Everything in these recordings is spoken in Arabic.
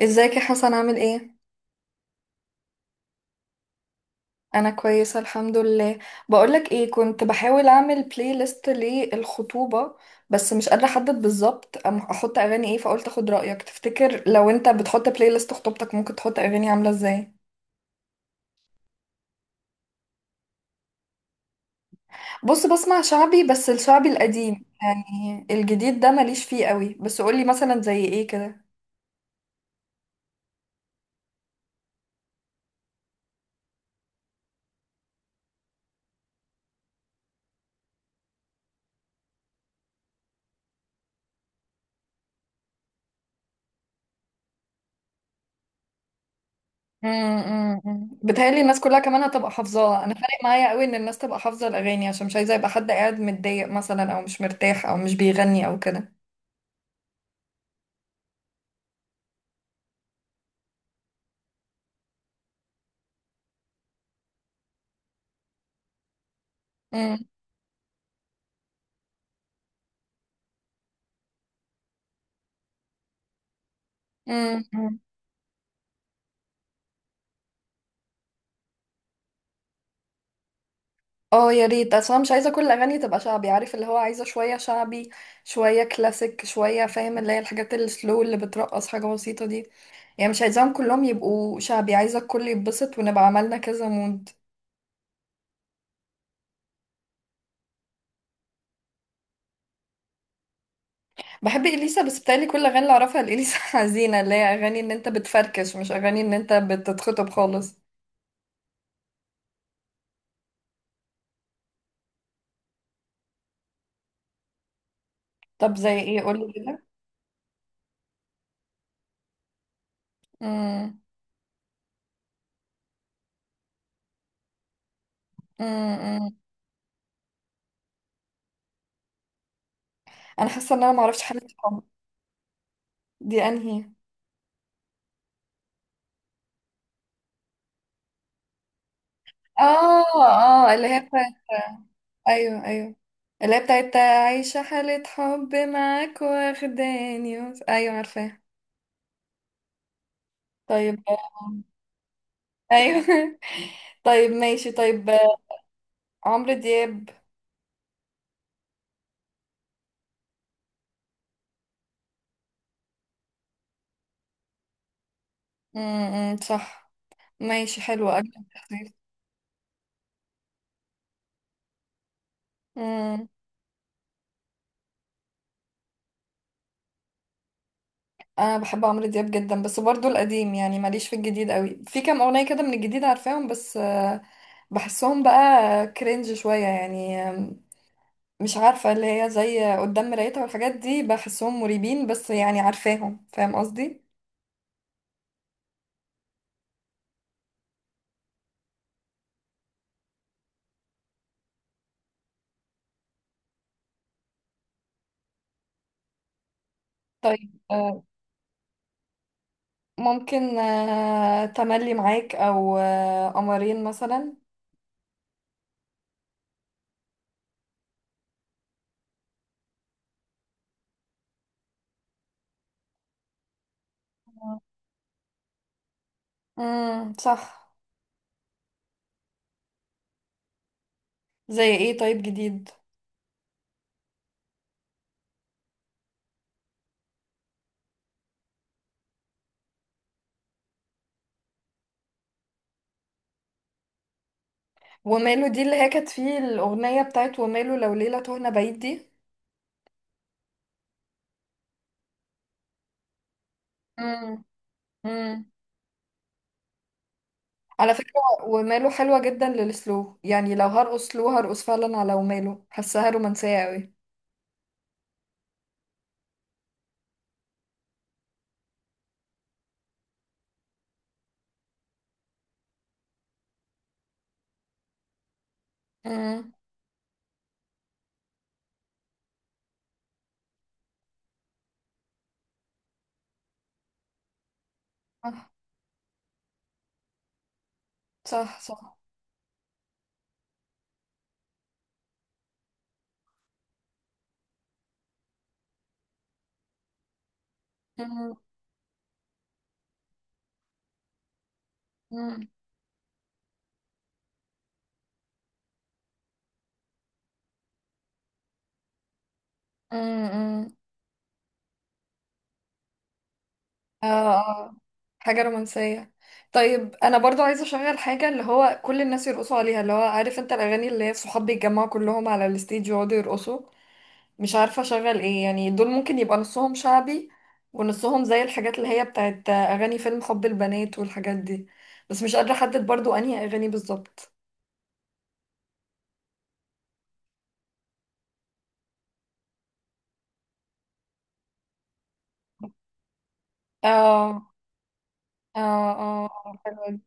ازيك يا حسن، عامل ايه؟ انا كويسه الحمد لله. بقولك ايه، كنت بحاول اعمل بلاي ليست للخطوبه بس مش قادره احدد بالظبط احط اغاني ايه، فقلت اخد رايك. تفتكر لو انت بتحط بلاي ليست خطوبتك ممكن تحط اغاني عامله ازاي؟ بص، بسمع شعبي بس الشعبي القديم، يعني الجديد ده ماليش فيه قوي. بس قولي مثلا زي ايه كده. بتهيألي الناس كلها كمان هتبقى حافظاها. انا فارق معايا قوي ان الناس تبقى حافظة الاغاني عشان مش عايزة يبقى حد قاعد متضايق مثلا او مش مرتاح او مش بيغني او كده. امم امم امم. اه يا ريت، اصلا مش عايزة كل الاغاني تبقى شعبي، عارف اللي هو، عايزة شوية شعبي، شوية كلاسيك، شوية فاهم اللي هي الحاجات السلو اللي بترقص حاجة بسيطة دي. يعني مش عايزاهم كلهم يبقوا شعبي، عايزة الكل يتبسط ونبقى عملنا كذا مود. بحب اليسا بس بتقالي كل الاغاني اللي اعرفها لاليسا حزينه، اللي هي اغاني ان انت بتفركش مش اغاني ان انت بتتخطب خالص. طب زي ايه، قولي كده. امم امم انا حاسه ان انا ما اعرفش حاجه عنها. دي انهي؟ اه اه، اللي هي بتاعت. ايوه ايوه، اللي هي بتاعت عايشه حاله حب معاك واخداني ايوه عارفاها. طيب. ايوه طيب ماشي، طيب. عمرو دياب. صح. ماشي حلو، اجمل. تخطيط. انا بحب عمرو دياب جدا بس برضو القديم، يعني ماليش في الجديد قوي، في كام اغنيه كده من الجديد عارفاهم بس بحسهم بقى كرنج شويه، يعني مش عارفه اللي هي زي قدام مرايتها والحاجات دي، بحسهم مريبين بس يعني عارفاهم، فاهم قصدي. طيب ممكن تملي معاك او قمرين مثلا. صح. زي ايه طيب جديد؟ وماله دي، اللي هي كانت فيه الاغنيه بتاعت وماله لو ليله تهنا بعيد دي. امم على فكرة، وماله حلوة جدا للسلو، يعني لو هرقص سلو هرقص فعلا على وماله، حاساها رومانسية قوي. امم صح. صح صح. امم امم امم آه آه. حاجة رومانسية. طيب أنا برضو عايزة أشغل حاجة اللي هو كل الناس يرقصوا عليها، اللي هو عارف أنت الأغاني اللي هي الصحاب بيتجمعوا كلهم على الستيج ويقعدوا يرقصوا. مش عارفة اشغل ايه، يعني دول ممكن يبقى نصهم شعبي ونصهم زي الحاجات اللي هي بتاعت اغاني فيلم حب البنات والحاجات دي. بس مش قادرة احدد برضو انهي اغاني بالظبط. اه اه اه، حلوة دي.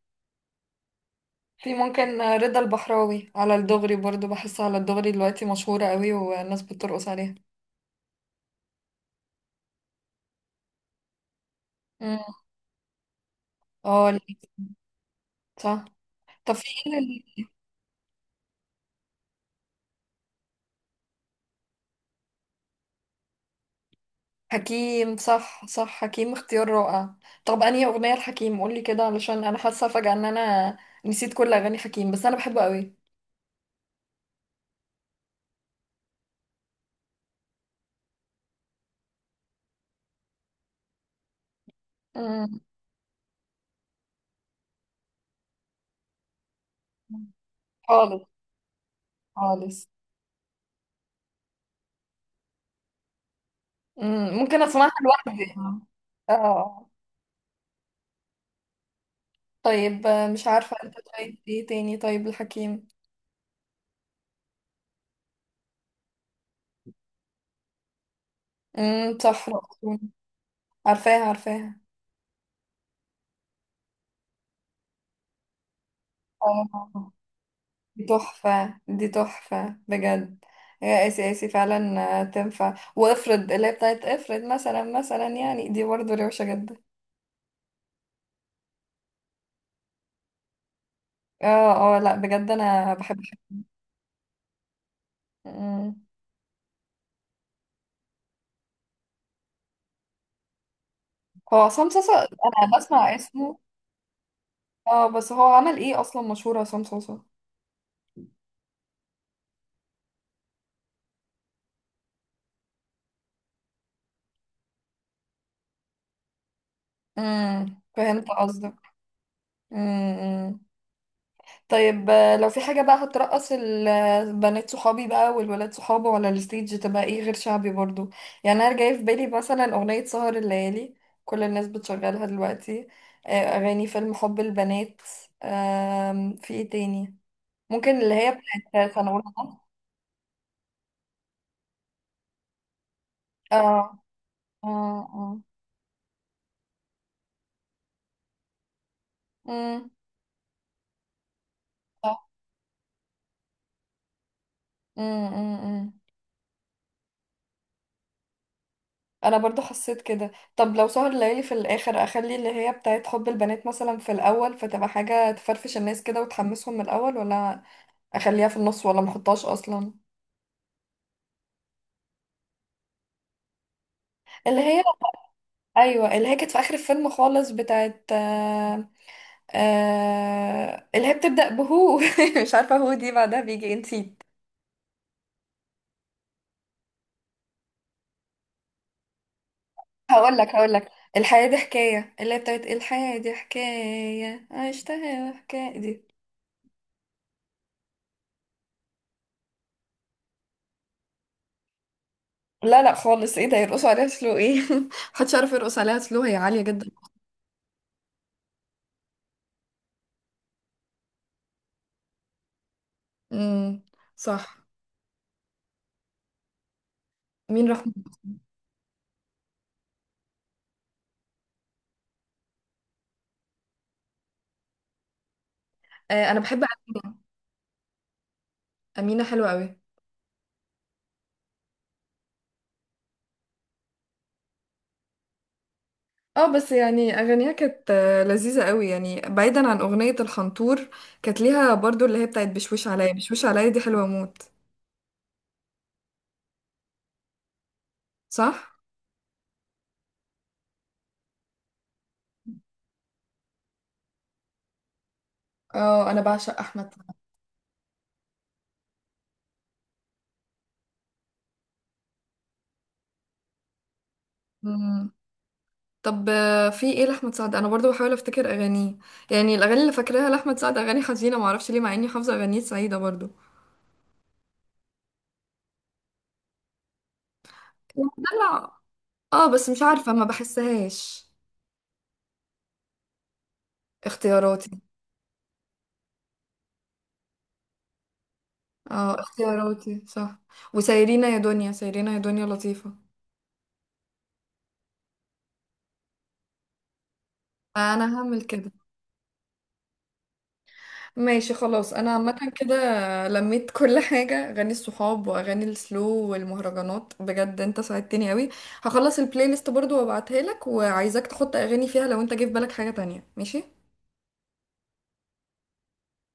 في ممكن رضا البحراوي، على الدغري برضو بحس على الدغري دلوقتي مشهورة قوي والناس بترقص عليها. مم. اه، ليه؟ صح. طب في ايه؟ حكيم، صح صح، حكيم اختيار رائع. طب انهي اغنية الحكيم، قولي كده، علشان انا حاسة فجأة ان انا نسيت كل اغاني حكيم بس انا بحبه قوي. مم. خالص خالص. مم. ممكن اسمعها لوحدي. اه. طيب مش عارفة انت، طيب ايه تاني طيب الحكيم؟ صح، رأسون. عارفاها عارفاها. اه، دي تحفة دي تحفة بجد. يا اسي اسي، فعلا تنفع. وافرض اللي هي بتاعت افرض، مثلا مثلا يعني، دي برضه روشة جدا. اه اه، لا بجد انا بحب. مم. هو عصام صوصة؟ انا بسمع اسمه. اه بس هو عمل ايه اصلا مشهور عصام صوصة؟ فهمت قصدك. امم طيب لو في حاجة بقى هترقص البنات صحابي بقى والولاد صحابه ولا الستيج تبقى ايه غير شعبي برضو. يعني انا جاي في بالي مثلا اغنية سهر الليالي، كل الناس بتشغلها دلوقتي. آه، اغاني فيلم حب البنات. في ايه تاني؟ ممكن اللي هي بتاعت سنة أولى ده. اه اه اه. مم. آه، مم، مم، مم. انا برضو حسيت كده. طب لو سهر الليالي في الاخر، اخلي اللي هي بتاعت حب البنات مثلا في الاول، فتبقى حاجه تفرفش الناس كده وتحمسهم من الاول، ولا اخليها في النص، ولا محطهاش اصلا؟ اللي هي، ايوه، اللي هي كانت في اخر الفيلم خالص بتاعت اللي هي بتبدا بهو مش عارفه هو دي بعدها بيجي إيه، نسيت. هقول لك هقول لك، الحياه دي حكايه، اللي هي بتاعت الحياه دي حكايه عشتها حكايه دي. لا لا خالص، ايه ده يرقصوا عليها سلو؟ ايه محدش يعرف يرقص عليها سلو، هي عالية جدا. امم صح. مين رحمة؟ آه انا بحب. أمينة حلوة قوي. اه بس يعني اغانيها كانت لذيذة قوي، يعني بعيدا عن اغنية الخنطور، كانت ليها برضو اللي هي بتاعت بشوش عليا، بشوش عليا دي حلوة موت. صح. اه انا بعشق احمد سعد. مم. طب في ايه لاحمد سعد؟ انا برضو بحاول افتكر اغانيه، يعني الاغاني اللي فاكراها لاحمد سعد اغاني حزينة، معرفش ليه مع اني حافظة اغانيه سعيدة برضو. دلع؟ اه بس مش عارفة، ما بحسهاش. اختياراتي. اه اختياراتي، صح. وسايرينا يا دنيا، سايرينا يا دنيا لطيفة. انا هعمل كده. ماشي خلاص، انا عامة كده لميت كل حاجة، اغاني الصحاب واغاني السلو والمهرجانات. بجد انت ساعدتني قوي. هخلص البلاي ليست برضو وابعتها لك، وعايزاك تحط اغاني فيها لو انت جه في بالك حاجة تانية، ماشي؟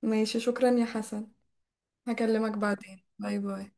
ماشي، شكرا يا حسن، هكلمك بعدين، باي باي.